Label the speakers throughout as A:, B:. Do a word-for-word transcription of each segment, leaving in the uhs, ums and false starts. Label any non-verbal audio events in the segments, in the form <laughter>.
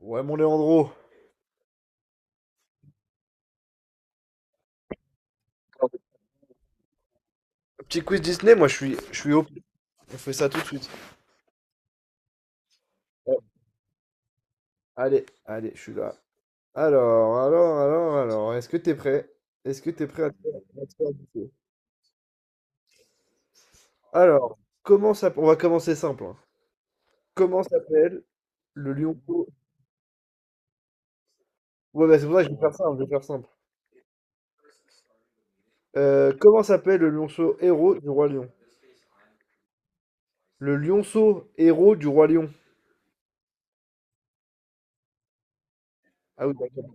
A: Ouais, mon Léandro. Petit quiz Disney, moi je suis, je suis au. On fait ça tout de suite. Ouais. Allez, allez, je suis là. Alors, alors, alors, alors, est-ce que t'es prêt? Est-ce que t'es prêt à te faire à te faire bouffer Alors, comment ça... On va commencer simple, hein. Comment s'appelle le lionceau... Ouais, bah, c'est pour ça que je vais faire simple, je vais faire simple. Euh, comment s'appelle le lionceau héros du roi lion? Le lionceau héros du roi lion. Ah oui, d'accord.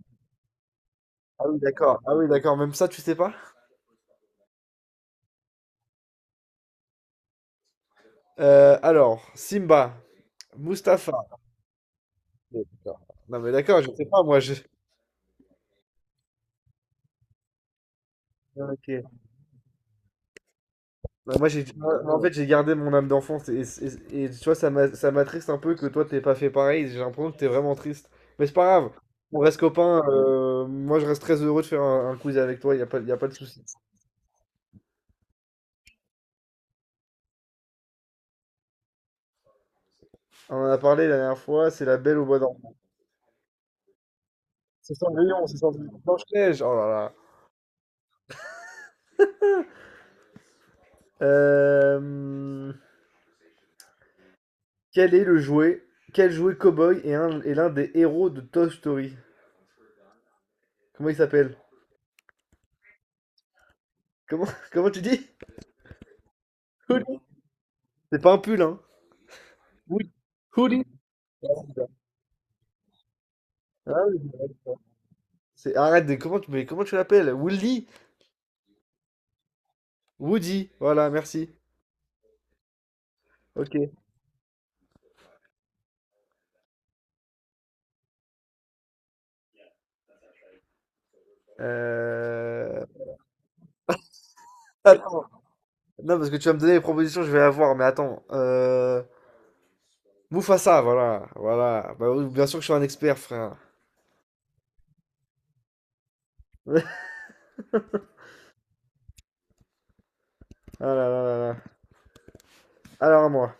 A: Ah oui, d'accord. Ah oui, d'accord. Même ça, tu sais pas? Euh, alors, Simba, Mustapha. Non, mais d'accord, je sais pas, moi, je... Ok. Non, moi, j'ai, moi, en fait, j'ai gardé mon âme d'enfance et, et- et tu vois, ça m'a- ça m'attriste un peu que toi, t'aies pas fait pareil. J'ai l'impression que t'es vraiment triste. Mais c'est pas grave, on reste copains. Euh, moi, je reste très heureux de faire un, un quiz avec toi, y a pas, y a pas de souci. On en a parlé la dernière fois, c'est la Belle au bois dormant. C'est sur le Blanche-Neige, oh là là. Euh, quel est le jouet, Quel jouet cow-boy est un- est l'un des héros de Toy Story? Comment il s'appelle? Comment <laughs> comment tu dis? Pull. C'est pas un pull, hein? Woody. Woody. Ah oui, c'est- arrête, de- comment tu, mais comment tu l'appelles? Woody? Woody, voilà, merci. Ok. Euh, Attends, non, parce que tu vas me donner les propositions, je vais la voir, mais attends. Euh... Mufasa, voilà, voilà. Bah oui, bien sûr que je suis un expert, frère. <laughs> Ah là là là là. Alors à moi.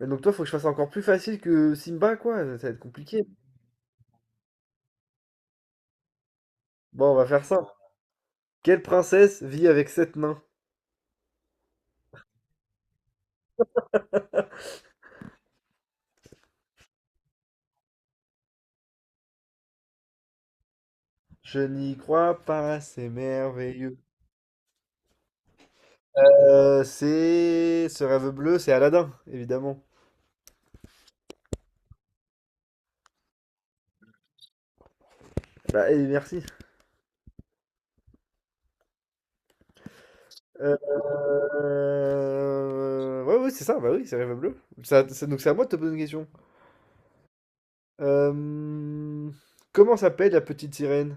A: Et donc toi, faut que je fasse encore plus facile que Simba, quoi. Ça, ça va être compliqué. Bon, on va faire ça. Quelle princesse vit avec sept nains? Je n'y crois pas, c'est merveilleux. Euh, c'est ce rêve bleu, c'est Aladdin, évidemment. Bah, et merci. Euh, euh, Ouais, ouais, c'est ça, bah oui, c'est rêve bleu. Ça, ça- donc c'est à moi de te poser une question. Euh, Comment s'appelle la petite sirène?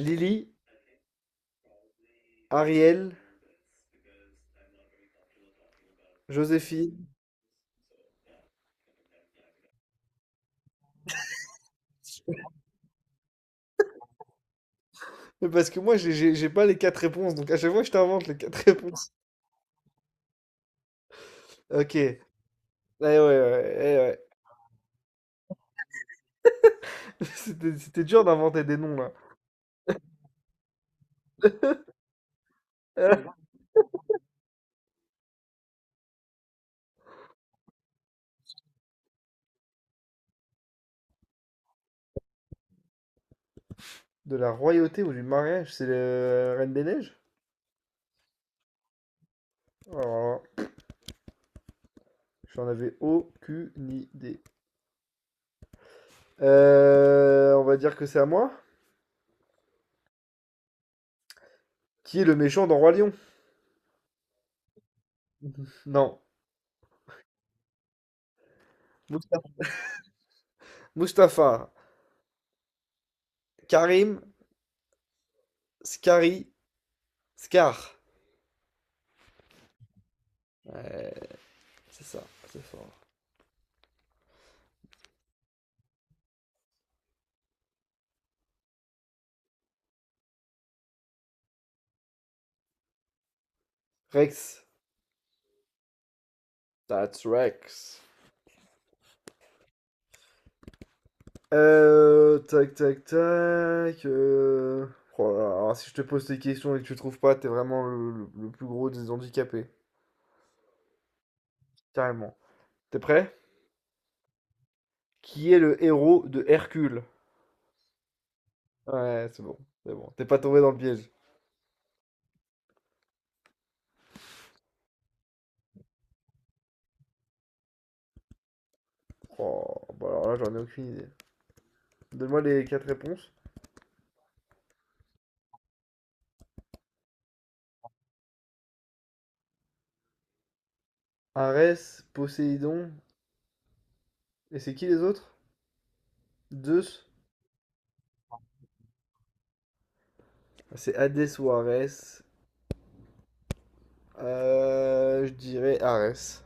A: Lily, Ariel, Joséphine? Mais parce que moi, j'ai j'ai- j'ai pas les quatre réponses, donc à chaque fois, je t'invente les quatre réponses. <laughs> Ok. Eh ouais, ouais, eh ouais. <laughs> C'était c'était dur d'inventer des noms, là. <laughs> De la royauté ou du mariage, c'est la Reine des Neiges? Oh. J'en avais aucune idée. Euh, on va dire que c'est à moi. Qui est le méchant dans Roi Lion? <laughs> Non. Mustapha. Mustapha. Karim. Scary. Scar. Ouais, c'est ça. C'est fort. Rex. That's Rex. Euh, tac, tac, tac. Euh, Oh là là, alors si je te pose des questions et que tu trouves pas, t'es vraiment le, le- le plus gros des handicapés. Carrément. T'es prêt? Qui est le héros de Hercule? Ouais, c'est bon. C'est bon. T'es pas tombé dans le piège. Oh, bah alors là, j'en ai aucune idée. Donne-moi les quatre réponses. Arès, Poséidon, et c'est qui les autres? Zeus? C'est Hadès ou Arès. Euh, je dirais Arès.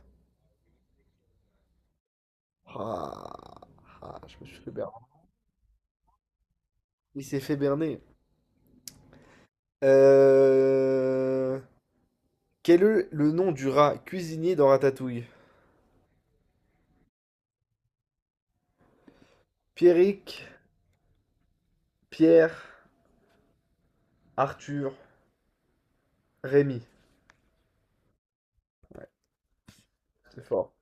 A: Ah, ah, je me suis fait berner. Il s'est fait berner. Euh, Quel est le nom du rat cuisinier dans Ratatouille? Pierrick, Pierre, Arthur, Rémi. C'est fort.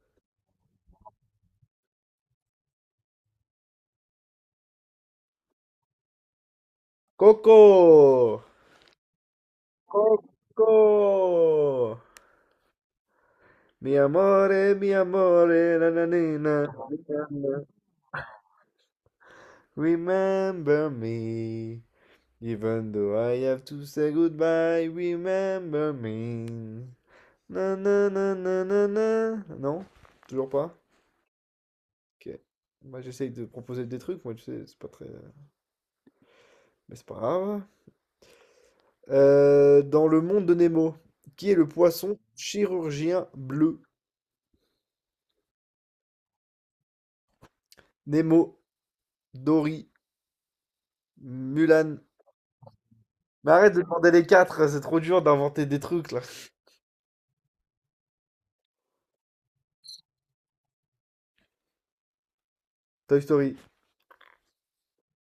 A: Coco! Coco! Mi amore, mi amore, na na na na na. Remember me. Even though I have to say goodbye, remember me. Na na na na na na. Non? Toujours pas? Ok. Moi j'essaye de proposer des trucs, moi tu sais, c'est pas très. Mais c'est pas grave. Euh, dans le monde de Nemo, qui est le poisson chirurgien bleu? Nemo, Dory, Mulan. Mais arrête de demander les quatre, c'est trop dur d'inventer des trucs là. Toy Story.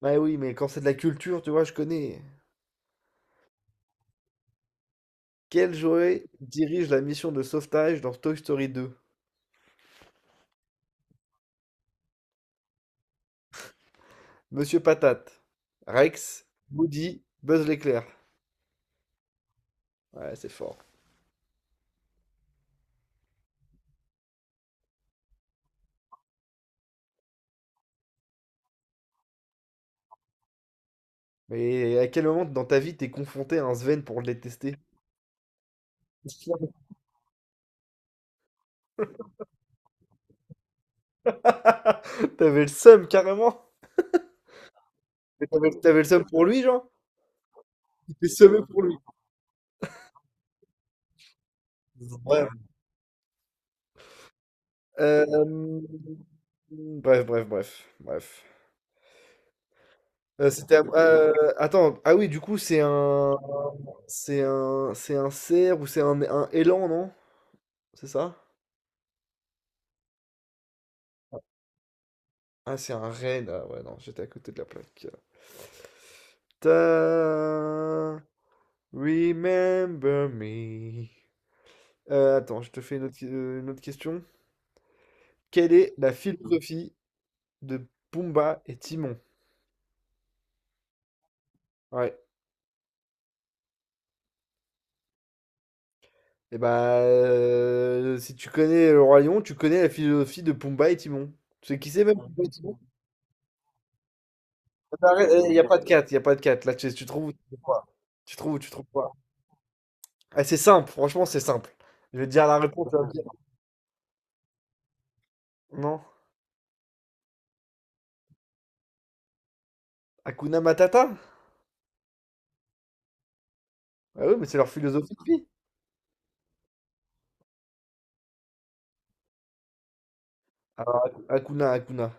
A: Bah oui, mais quand c'est de la culture, tu vois, je connais. Quel Joey dirige la mission de sauvetage dans Toy Story deux? Monsieur Patate, Rex, Woody, Buzz l'éclair. Ouais, c'est fort. Mais à quel moment dans ta vie t'es confronté à un Sven pour le détester? <laughs> T'avais le seum carrément? Mais T'avais t'avais le seum pour lui, genre? T'es semé pour lui. Bref. Euh, Bref, bref, bref, bref. Euh, c'était ap- euh, attends, ah oui, du coup, c'est un c'est un C'est un cerf ou c'est un, un élan, non? C'est ça? Ah, c'est un renne. Ah ouais, non, j'étais à côté de la plaque. Ta- Remember me. Euh, attends, je te fais une autre, euh, une autre question. Quelle est la philosophie de Pumba et Timon? Ouais. Et bah, euh, si tu connais le Roi Lion, tu connais la philosophie de Pumba et Timon. Tu sais qui c'est même Pumba et Timon? Il n'y a pas de quatre il n'y a pas de quatre Là, tu, tu trouves ou tu trouves pas. Tu trouves ou tu trouves pas. Ah, c'est simple, franchement, c'est simple. Je vais te dire la réponse, tu vas me dire. Non. Hakuna Matata? Ah oui, mais c'est leur philosophie de vie. Alors, Hakuna, Hakuna.